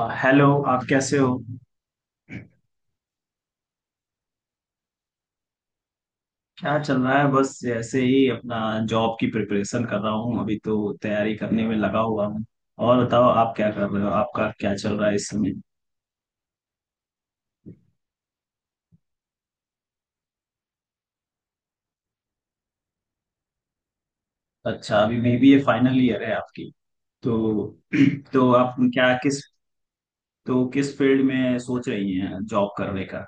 Hello. आप कैसे हो? क्या चल रहा है, बस ऐसे ही अपना जॉब की प्रिपरेशन कर रहा हूँ अभी तो, तैयारी करने में लगा हुआ हूँ। और बताओ आप क्या कर रहे हो, आपका क्या चल रहा है इस समय? अच्छा, अभी बीबीए फाइनल ईयर है आपकी तो। तो आप क्या किस, तो किस फील्ड में सोच रही हैं जॉब करने का?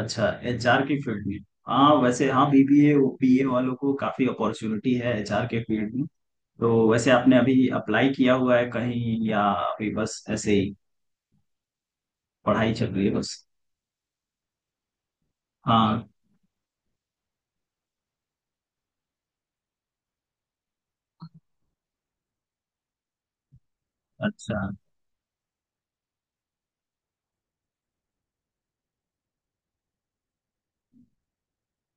अच्छा, एचआर की फील्ड में। हाँ वैसे, हाँ बीबीए बीए वालों को काफी अपॉर्चुनिटी है एचआर के फील्ड में। तो वैसे आपने अभी अप्लाई किया हुआ है कहीं या अभी बस ऐसे ही पढ़ाई चल रही है बस? हाँ। अच्छा।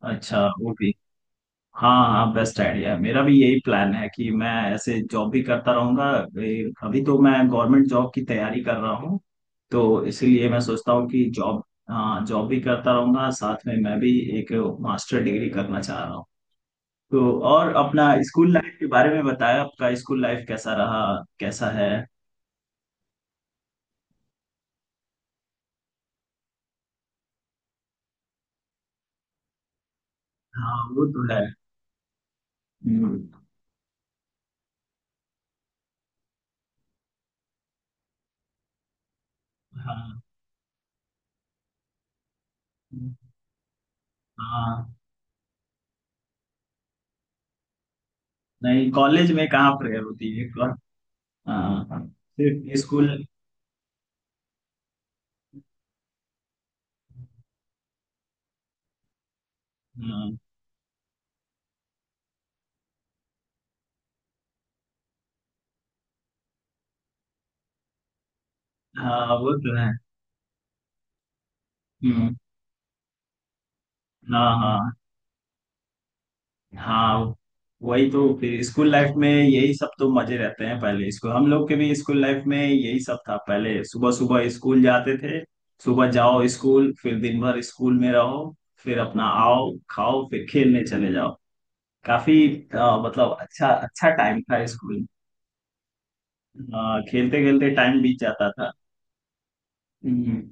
अच्छा वो भी। हाँ हाँ, बेस्ट आइडिया, मेरा भी यही प्लान है कि मैं ऐसे जॉब भी करता रहूंगा। अभी तो मैं गवर्नमेंट जॉब की तैयारी कर रहा हूँ, तो इसीलिए मैं सोचता हूँ कि जॉब, हाँ जॉब भी करता रहूंगा साथ में, मैं भी एक मास्टर डिग्री करना चाह रहा हूँ तो। और अपना स्कूल लाइफ के बारे में बताया, आपका स्कूल लाइफ कैसा रहा, कैसा है? हाँ वो तो है। हम्म। हाँ हाँ। नहीं, कॉलेज में कहाँ प्रेयर होती है। हाँ, सिर्फ स्कूल। हाँ हाँ, वो तो है। हम्म। हाँ हाँ हाँ, वही तो, फिर स्कूल लाइफ में यही सब तो मजे रहते हैं, पहले स्कूल, हम लोग के भी स्कूल लाइफ में यही सब था, पहले सुबह सुबह स्कूल जाते थे। सुबह जाओ स्कूल, फिर दिन भर स्कूल में रहो, फिर अपना आओ खाओ, फिर खेलने चले जाओ। काफी, मतलब अच्छा अच्छा टाइम था स्कूल। खेलते खेलते टाइम बीत जाता था। हम्म।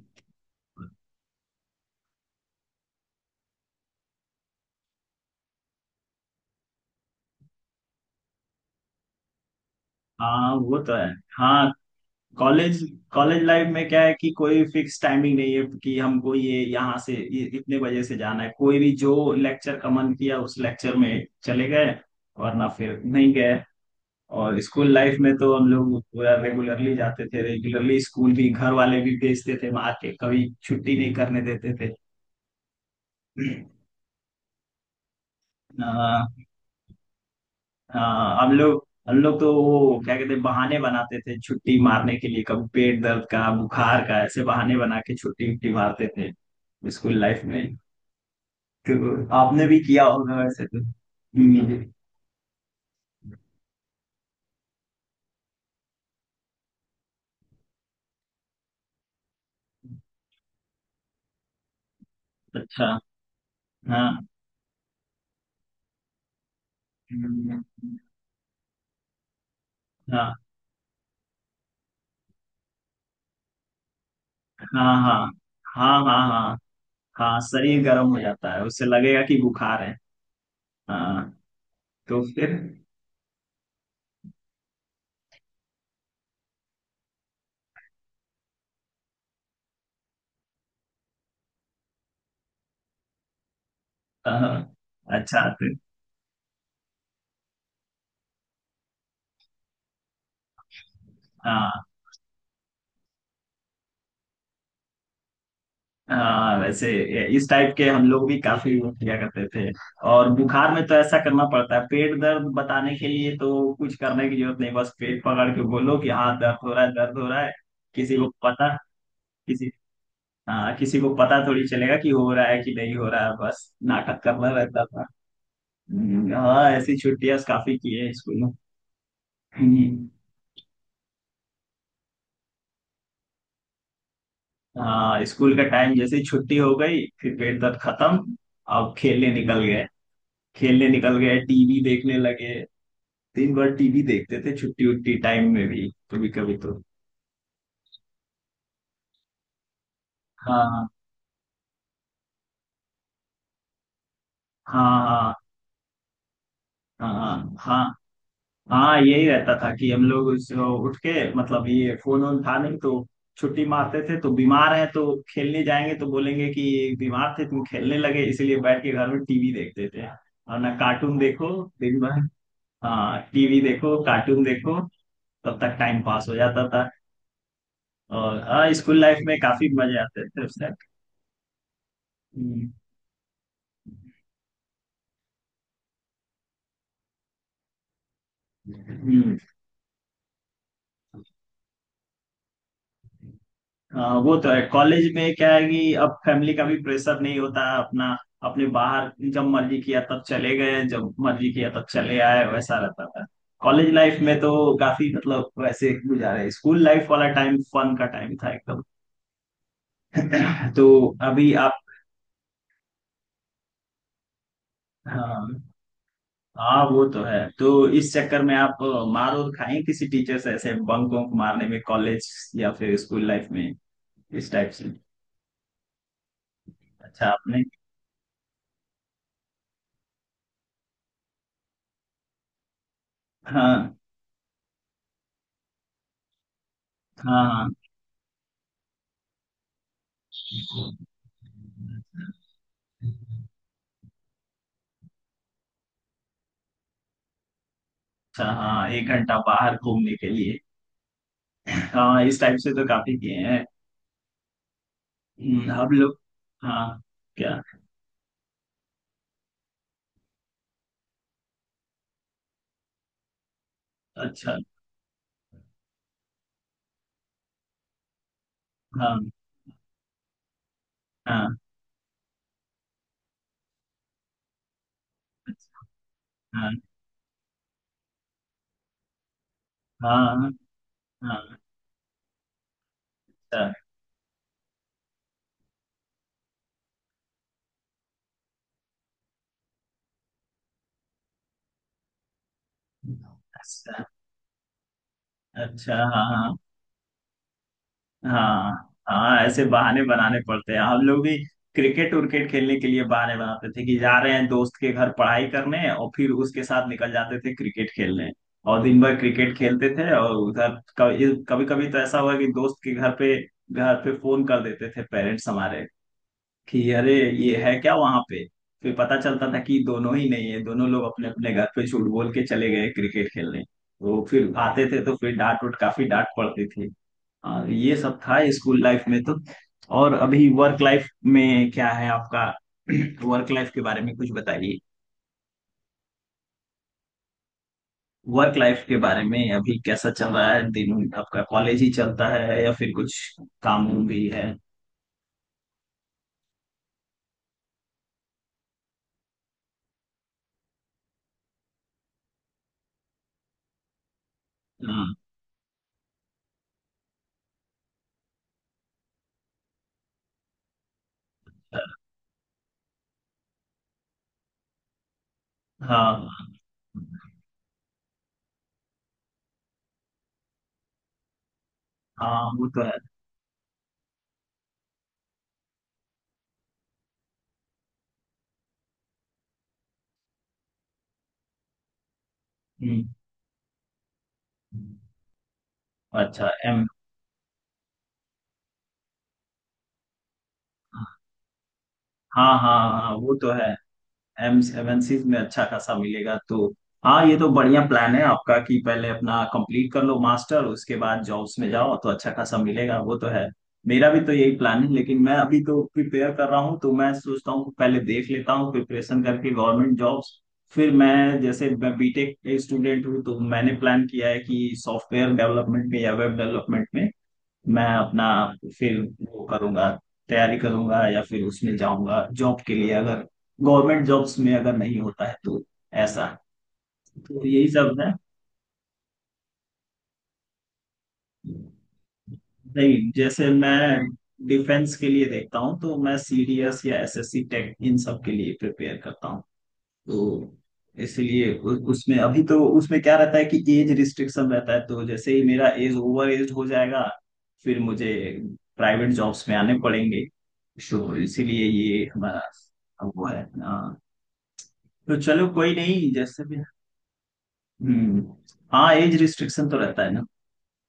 हाँ वो तो है। हाँ। कॉलेज, कॉलेज लाइफ में क्या है कि कोई फिक्स टाइमिंग नहीं है, कि हमको ये यहाँ से ये इतने बजे से जाना है। कोई भी जो लेक्चर का मन किया, उस लेक्चर में चले गए, वरना फिर नहीं गए। और स्कूल लाइफ में तो हम लोग पूरा रेगुलरली जाते थे, रेगुलरली स्कूल भी, घर वाले भी भेजते थे मार के, कभी छुट्टी नहीं करने देते थे। अ, हाँ हाँ, हम लोग तो वो क्या कहते हैं, बहाने बनाते थे छुट्टी मारने के लिए, कभी पेट दर्द का, बुखार का, ऐसे बहाने बना के छुट्टी उट्टी मारते थे स्कूल लाइफ में तो। आपने भी किया होगा वैसे तो। हम्म। अच्छा। हाँ हाँ हाँ हाँ। हाँ हाँ हाँ, हाँ शरीर गर्म हो जाता है, उससे लगेगा कि बुखार है। हाँ। तो फिर, हाँ, अच्छा तो- हाँ हाँ वैसे, इस टाइप के हम लोग भी काफी वो किया करते थे। और बुखार में तो ऐसा करना पड़ता है, पेट दर्द बताने के लिए तो कुछ करने की जरूरत नहीं, बस पेट पकड़ के बोलो कि हाँ दर्द हो रहा है, दर्द हो रहा है। किसी को पता किसी हाँ, किसी को पता थोड़ी चलेगा कि हो रहा है कि नहीं हो रहा है, बस नाटक करना रहता था। हम्म। हाँ, ऐसी छुट्टियां काफी की है स्कूल में। हम्म। हाँ, स्कूल का टाइम जैसे ही छुट्टी हो गई, फिर पेट दर्द खत्म। अब खेलने निकल गए, खेलने निकल गए, टीवी देखने लगे। दिन भर टीवी देखते थे, छुट्टी उट्टी टाइम में भी, कभी कभी तो। हाँ हाँ हाँ हाँ हाँ। हाँ, यही रहता था कि हम लोग उठ के, मतलब ये फोन वोन था नहीं तो, छुट्टी मारते थे तो, बीमार है तो खेलने जाएंगे तो बोलेंगे कि बीमार थे तुम खेलने लगे, इसलिए बैठ के घर में टीवी देखते थे, और ना कार्टून देखो दिन भर। हाँ, टीवी देखो, कार्टून देखो, तब तक टाइम पास हो जाता था। और हाँ, स्कूल लाइफ में काफी मजे आते थे उस टाइम। हम्म। हाँ वो तो है, कॉलेज में क्या है कि अब फैमिली का भी प्रेशर नहीं होता अपना। अपने बाहर जब मर्जी किया तब चले गए, जब मर्जी किया तब चले आए, वैसा रहता था। कॉलेज लाइफ में तो काफी मतलब वैसे गुजारे, स्कूल लाइफ वाला टाइम फन का टाइम था एकदम। तो, अभी आप, हाँ हाँ वो तो है। तो इस चक्कर में आप मार और खाएं किसी टीचर से, ऐसे बंक वंक मारने में कॉलेज या फिर स्कूल लाइफ में, इस टाइप से? अच्छा आपने, हाँ हाँ हाँ। अच्छा हाँ, एक घंटा बाहर घूमने के लिए। हाँ, इस टाइप से तो काफी किए हैं। हम लोग। हाँ। क्या? अच्छा। हाँ हाँ। अच्छा, हाँ हाँ हाँ। अच्छा, अच्छा अच्छा। हाँ हाँ हाँ। हाँ, ऐसे बहाने बनाने पड़ते हैं हम लोग भी। क्रिकेट उर्केट खेलने के लिए बहाने बनाते थे, कि जा रहे हैं दोस्त के घर पढ़ाई करने, और फिर उसके साथ निकल जाते थे क्रिकेट खेलने, और दिन भर क्रिकेट खेलते थे और उधर, कभी कभी तो ऐसा हुआ कि दोस्त के घर पे, घर पे फोन कर देते थे पेरेंट्स हमारे, कि अरे ये है क्या वहां पे। फिर पता चलता था कि दोनों ही नहीं है, दोनों लोग अपने अपने घर पे झूठ बोल के चले गए क्रिकेट खेलने, तो फिर आते थे तो फिर डांट उट, काफी डांट पड़ती थी। हाँ, ये सब था स्कूल लाइफ में तो। और अभी वर्क लाइफ में क्या है आपका? वर्क लाइफ के बारे में कुछ बताइए। वर्क लाइफ के बारे में अभी कैसा चल रहा है, दिन आपका कॉलेज ही चलता है या फिर कुछ काम वाम भी है? हाँ हाँ हाँ, वो तो है। हम्म, अच्छा एम, हाँ हाँ हाँ, वो तो है। एम एमएनसीज में अच्छा खासा मिलेगा तो। हाँ, ये तो बढ़िया प्लान है आपका कि पहले अपना कंप्लीट कर लो मास्टर, उसके बाद जॉब्स में जाओ तो अच्छा खासा मिलेगा, वो तो है। मेरा भी तो यही प्लान है, लेकिन मैं अभी तो प्रिपेयर कर रहा हूँ, तो मैं सोचता हूँ कि पहले देख लेता हूँ प्रिपरेशन करके गवर्नमेंट जॉब्स। फिर मैं, जैसे मैं बीटेक स्टूडेंट हूँ, तो मैंने प्लान किया है कि सॉफ्टवेयर डेवलपमेंट में या वेब डेवलपमेंट में मैं अपना, फिर वो करूंगा, तैयारी करूंगा या फिर उसमें जाऊंगा जॉब के लिए, अगर गवर्नमेंट जॉब्स में अगर नहीं होता है तो, ऐसा, तो यही सब है। नहीं, जैसे मैं डिफेंस के लिए देखता हूँ तो मैं सीडीएस या एसएससी टेक इन सब के लिए प्रिपेयर करता हूँ तो, इसलिए उसमें अभी तो, उसमें क्या रहता है कि एज रिस्ट्रिक्शन रहता है, तो जैसे ही मेरा एज ओवर एज हो जाएगा, फिर मुझे प्राइवेट जॉब्स में आने पड़ेंगे, तो इसीलिए ये हमारा, अब वो है हाँ। तो चलो कोई नहीं, जैसे भी। हम्म। हाँ, एज रिस्ट्रिक्शन तो रहता है ना,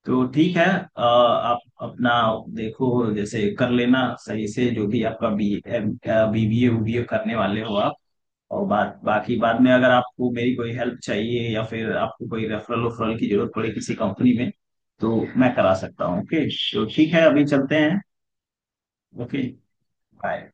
तो ठीक है। आप अपना देखो, जैसे कर लेना सही से जो भी आपका बी बीबीए उबीए करने वाले हो आप, और बात बाकी बाद में। अगर आपको मेरी कोई हेल्प चाहिए या फिर आपको कोई रेफरल उफरल की जरूरत पड़े किसी कंपनी में, तो मैं करा सकता हूँ। ओके, तो ठीक है अभी चलते हैं। Okay, bye.